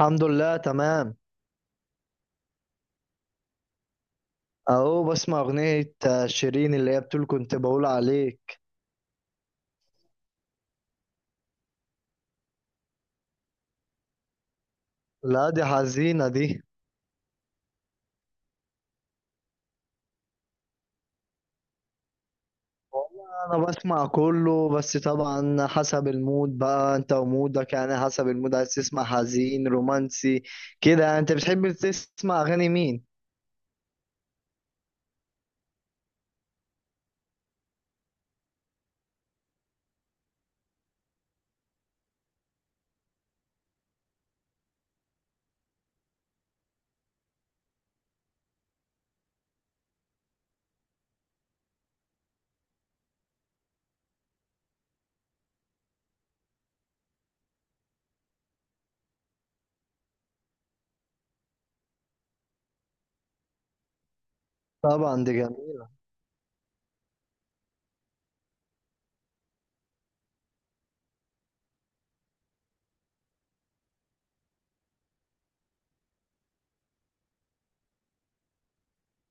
الحمد لله، تمام. اهو بسمع اغنية شيرين اللي هي بتقول كنت بقول عليك. لا، دي حزينة دي. والله انا بسمع كله، بس طبعا حسب المود، بقى انت ومودك، يعني حسب المود عايز تسمع حزين رومانسي كده يعني. انت بتحب تسمع اغاني مين؟ طبعا دي جميلة.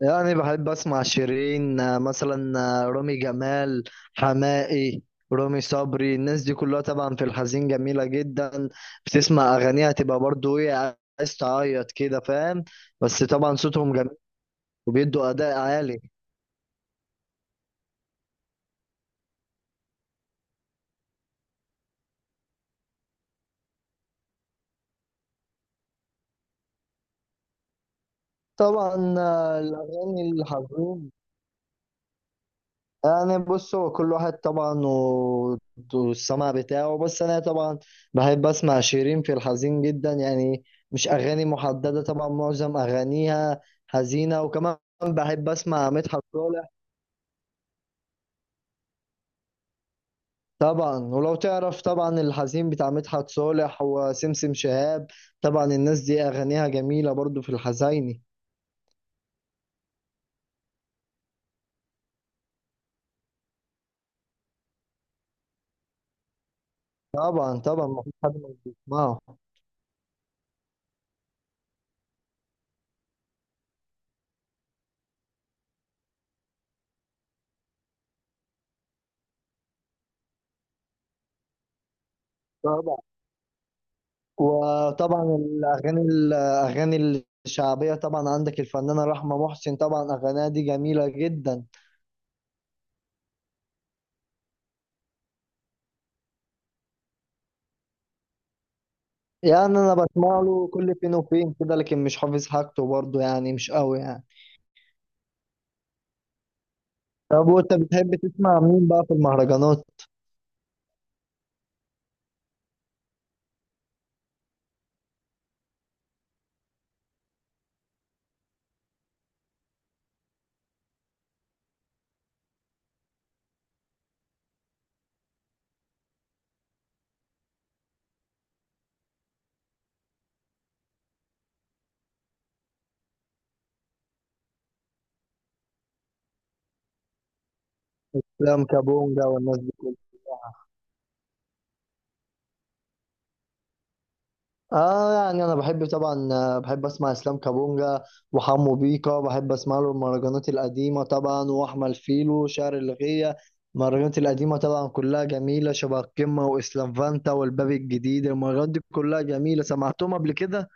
يعني بحب اسمع شيرين، مثلا رامي جمال، حماقي، رامي صبري، الناس دي كلها طبعا في الحزين جميلة جدا. بتسمع اغانيها تبقى برضو ايه، عايز تعيط كده، فاهم. بس طبعا صوتهم جميل وبيدوا اداء عالي. طبعا الاغاني الحزين. يعني بص، هو كل واحد طبعا والسمع بتاعه، بس انا طبعا بحب اسمع شيرين في الحزين جدا يعني. مش اغاني محدده، طبعا معظم اغانيها حزينه، وكمان بحب اسمع مدحت صالح. طبعا ولو تعرف، طبعا الحزين بتاع مدحت صالح وسمسم شهاب، طبعا الناس دي اغانيها جميله برضو في الحزيني. طبعا طبعا مفيش حد ما بيسمعه. طبعا وطبعا الاغاني الشعبيه، طبعا عندك الفنانه رحمه محسن، طبعا اغانيها دي جميله جدا. يعني انا بسمع له كل فين وفين كده، لكن مش حافظ حاجته برضه، يعني مش قوي يعني. طب وانت بتحب تسمع مين بقى في المهرجانات؟ افلام كابونجا والناس دي كلها. اه، يعني انا بحب طبعا، بحب اسمع اسلام كابونجا وحمو بيكا. بحب اسمع له المهرجانات القديمه، طبعا واحمد فيلو شعر الغية. المهرجانات القديمه طبعا كلها جميله، شبه القمه واسلام فانتا والباب الجديد، المهرجانات دي كلها جميله، سمعتهم قبل كده.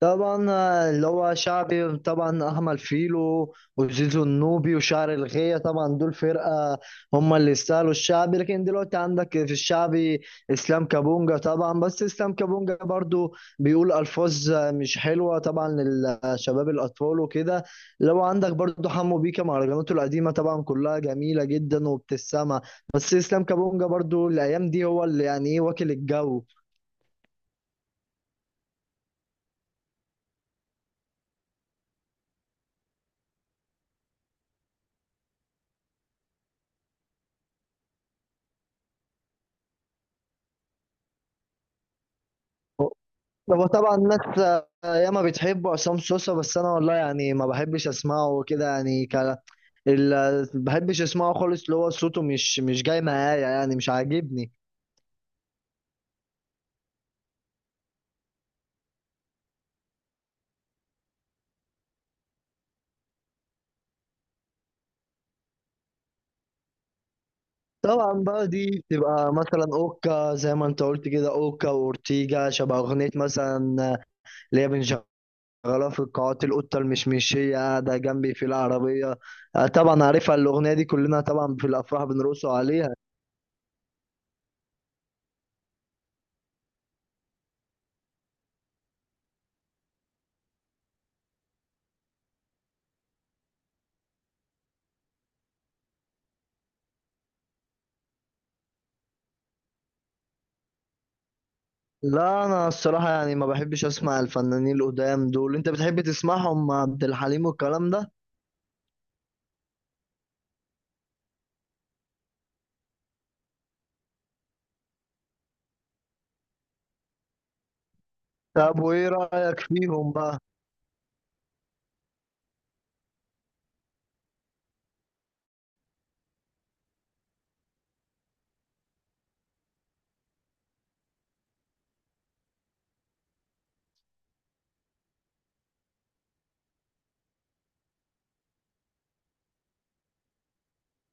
طبعا، اللي هو شعبي طبعا احمد فيلو وزيزو النوبي وشعر الغية، طبعا دول فرقة هم اللي يستاهلوا الشعبي. لكن دلوقتي عندك في الشعبي اسلام كابونجا طبعا، بس اسلام كابونجا برضو بيقول الفاظ مش حلوة طبعا للشباب الاطفال وكده. لو عندك برضو حمو بيكا، مهرجاناته القديمة طبعا كلها جميلة جدا وبتسمع. بس اسلام كابونجا برضو الايام دي هو اللي يعني ايه، واكل الجو. هو طبعا الناس ياما بتحب عصام سوسة، بس انا والله يعني ما بحبش اسمعه وكده، يعني بحبش اسمعه خالص، اللي هو صوته مش جاي معايا، يعني مش عاجبني. طبعا بقى دي بتبقى مثلا اوكا، زي ما انت قلت كده اوكا واورتيجا، شبه اغنية مثلا اللي هي بنشغلها في القاعات. القطة المشمشية قاعدة جنبي في العربية، طبعا عارفها الاغنية دي، كلنا طبعا في الافراح بنرقصوا عليها. لا، انا الصراحه يعني ما بحبش اسمع الفنانين القدام دول. انت بتحب تسمعهم عبد الحليم والكلام ده؟ طب وايه رايك فيهم بقى؟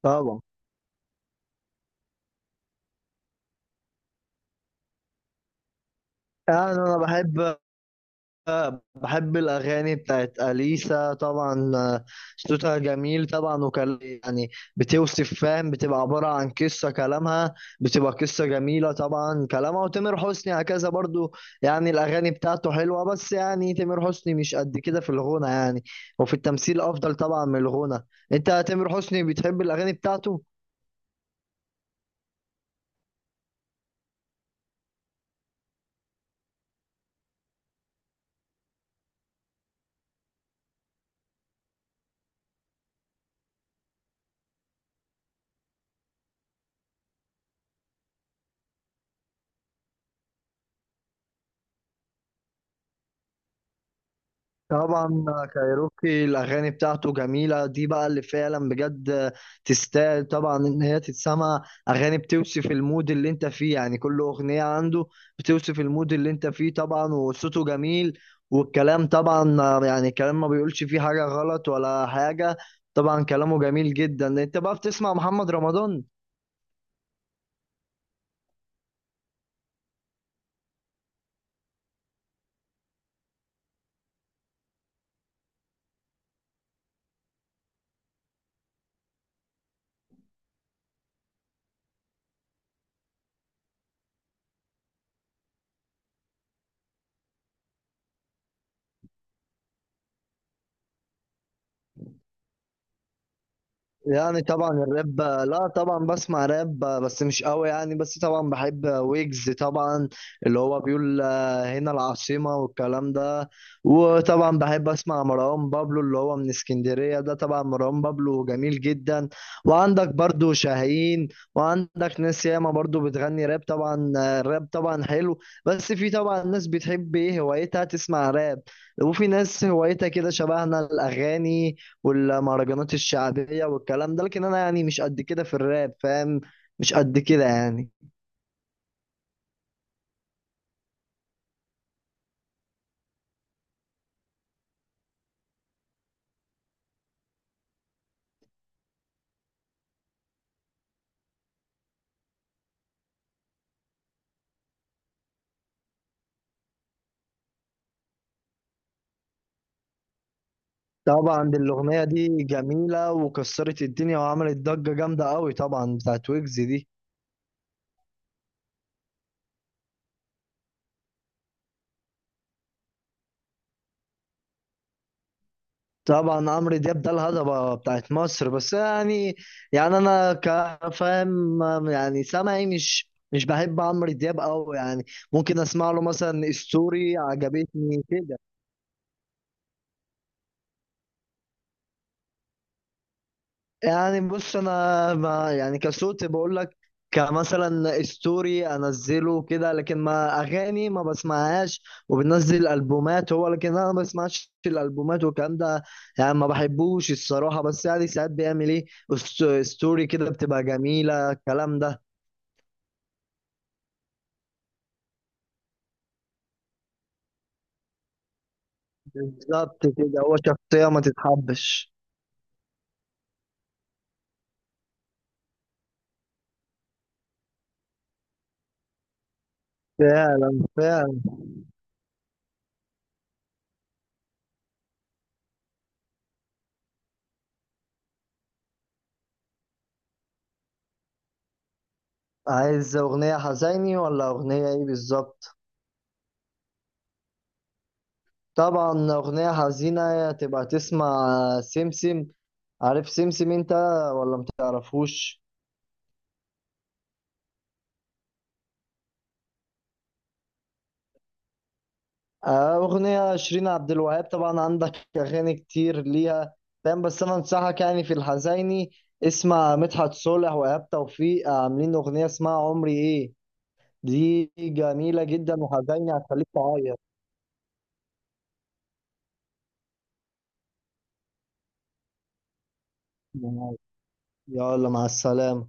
طبعا. يعني انا بحب الأغاني بتاعت أليسا طبعا، صوتها جميل طبعا، وكان يعني بتوصف، فاهم، بتبقى عبارة عن قصة كلامها، بتبقى قصة جميلة طبعا كلامها، وتامر حسني هكذا برضو. يعني الأغاني بتاعته حلوة، بس يعني تامر حسني مش قد كده في الغنى يعني، وفي التمثيل أفضل طبعا من الغنى. أنت تامر حسني بتحب الأغاني بتاعته؟ طبعا كايروكي الاغاني بتاعته جميله، دي بقى اللي فعلا بجد تستاهل طبعا ان هي تتسمع، اغاني بتوصف المود اللي انت فيه، يعني كل اغنيه عنده بتوصف المود اللي انت فيه، طبعا وصوته جميل والكلام طبعا، يعني كلام ما بيقولش فيه حاجه غلط ولا حاجه، طبعا كلامه جميل جدا. انت بقى بتسمع محمد رمضان؟ يعني طبعا الراب، لا طبعا بسمع راب بس مش قوي يعني، بس طبعا بحب ويجز طبعا، اللي هو بيقول هنا العاصمة والكلام ده. وطبعا بحب اسمع مروان بابلو اللي هو من اسكندرية ده، طبعا مروان بابلو جميل جدا. وعندك برضو شاهين، وعندك ناس ياما برضو بتغني راب، طبعا الراب طبعا حلو. بس في طبعا ناس بتحب ايه هوايتها تسمع راب، وفي ناس هوايتها كده شبهنا، الاغاني والمهرجانات الشعبية والكلام ده. لكن أنا يعني مش قد كده في الراب، فاهم، مش قد كده يعني. طبعا دي الأغنية دي جميلة وكسرت الدنيا وعملت ضجة جامدة قوي، طبعا بتاعت ويجز دي. طبعا عمرو دياب ده الهضبة بتاعت مصر، بس يعني، يعني أنا كفاهم يعني سامعي، مش بحب عمرو دياب قوي يعني. ممكن أسمع له مثلا ستوري عجبتني كده. يعني بص، انا ما يعني كصوت بقول لك، كمثلا ستوري انزله كده، لكن ما اغاني ما بسمعهاش، وبنزل البومات هو، لكن انا ما بسمعش الالبومات والكلام ده، يعني ما بحبوش الصراحه، بس يعني ساعات بيعمل ايه ستوري كده بتبقى جميله، الكلام ده. بالظبط كده، هو شخصيه ما تتحبش. فعلا، فعلا. عايز اغنيه حزيني ولا اغنيه ايه بالظبط؟ طبعا أغنية حزينة تبقى تسمع سمسم. عارف سمسم انت ولا متعرفوش؟ أغنية شيرين عبد الوهاب، طبعا عندك أغاني كتير ليها. فاهم، بس أنا أنصحك يعني في الحزيني، اسمع مدحت صالح وإيهاب توفيق عاملين أغنية اسمها عمري إيه، دي جميلة جدا وحزينة هتخليك تعيط. يلا مع السلامة.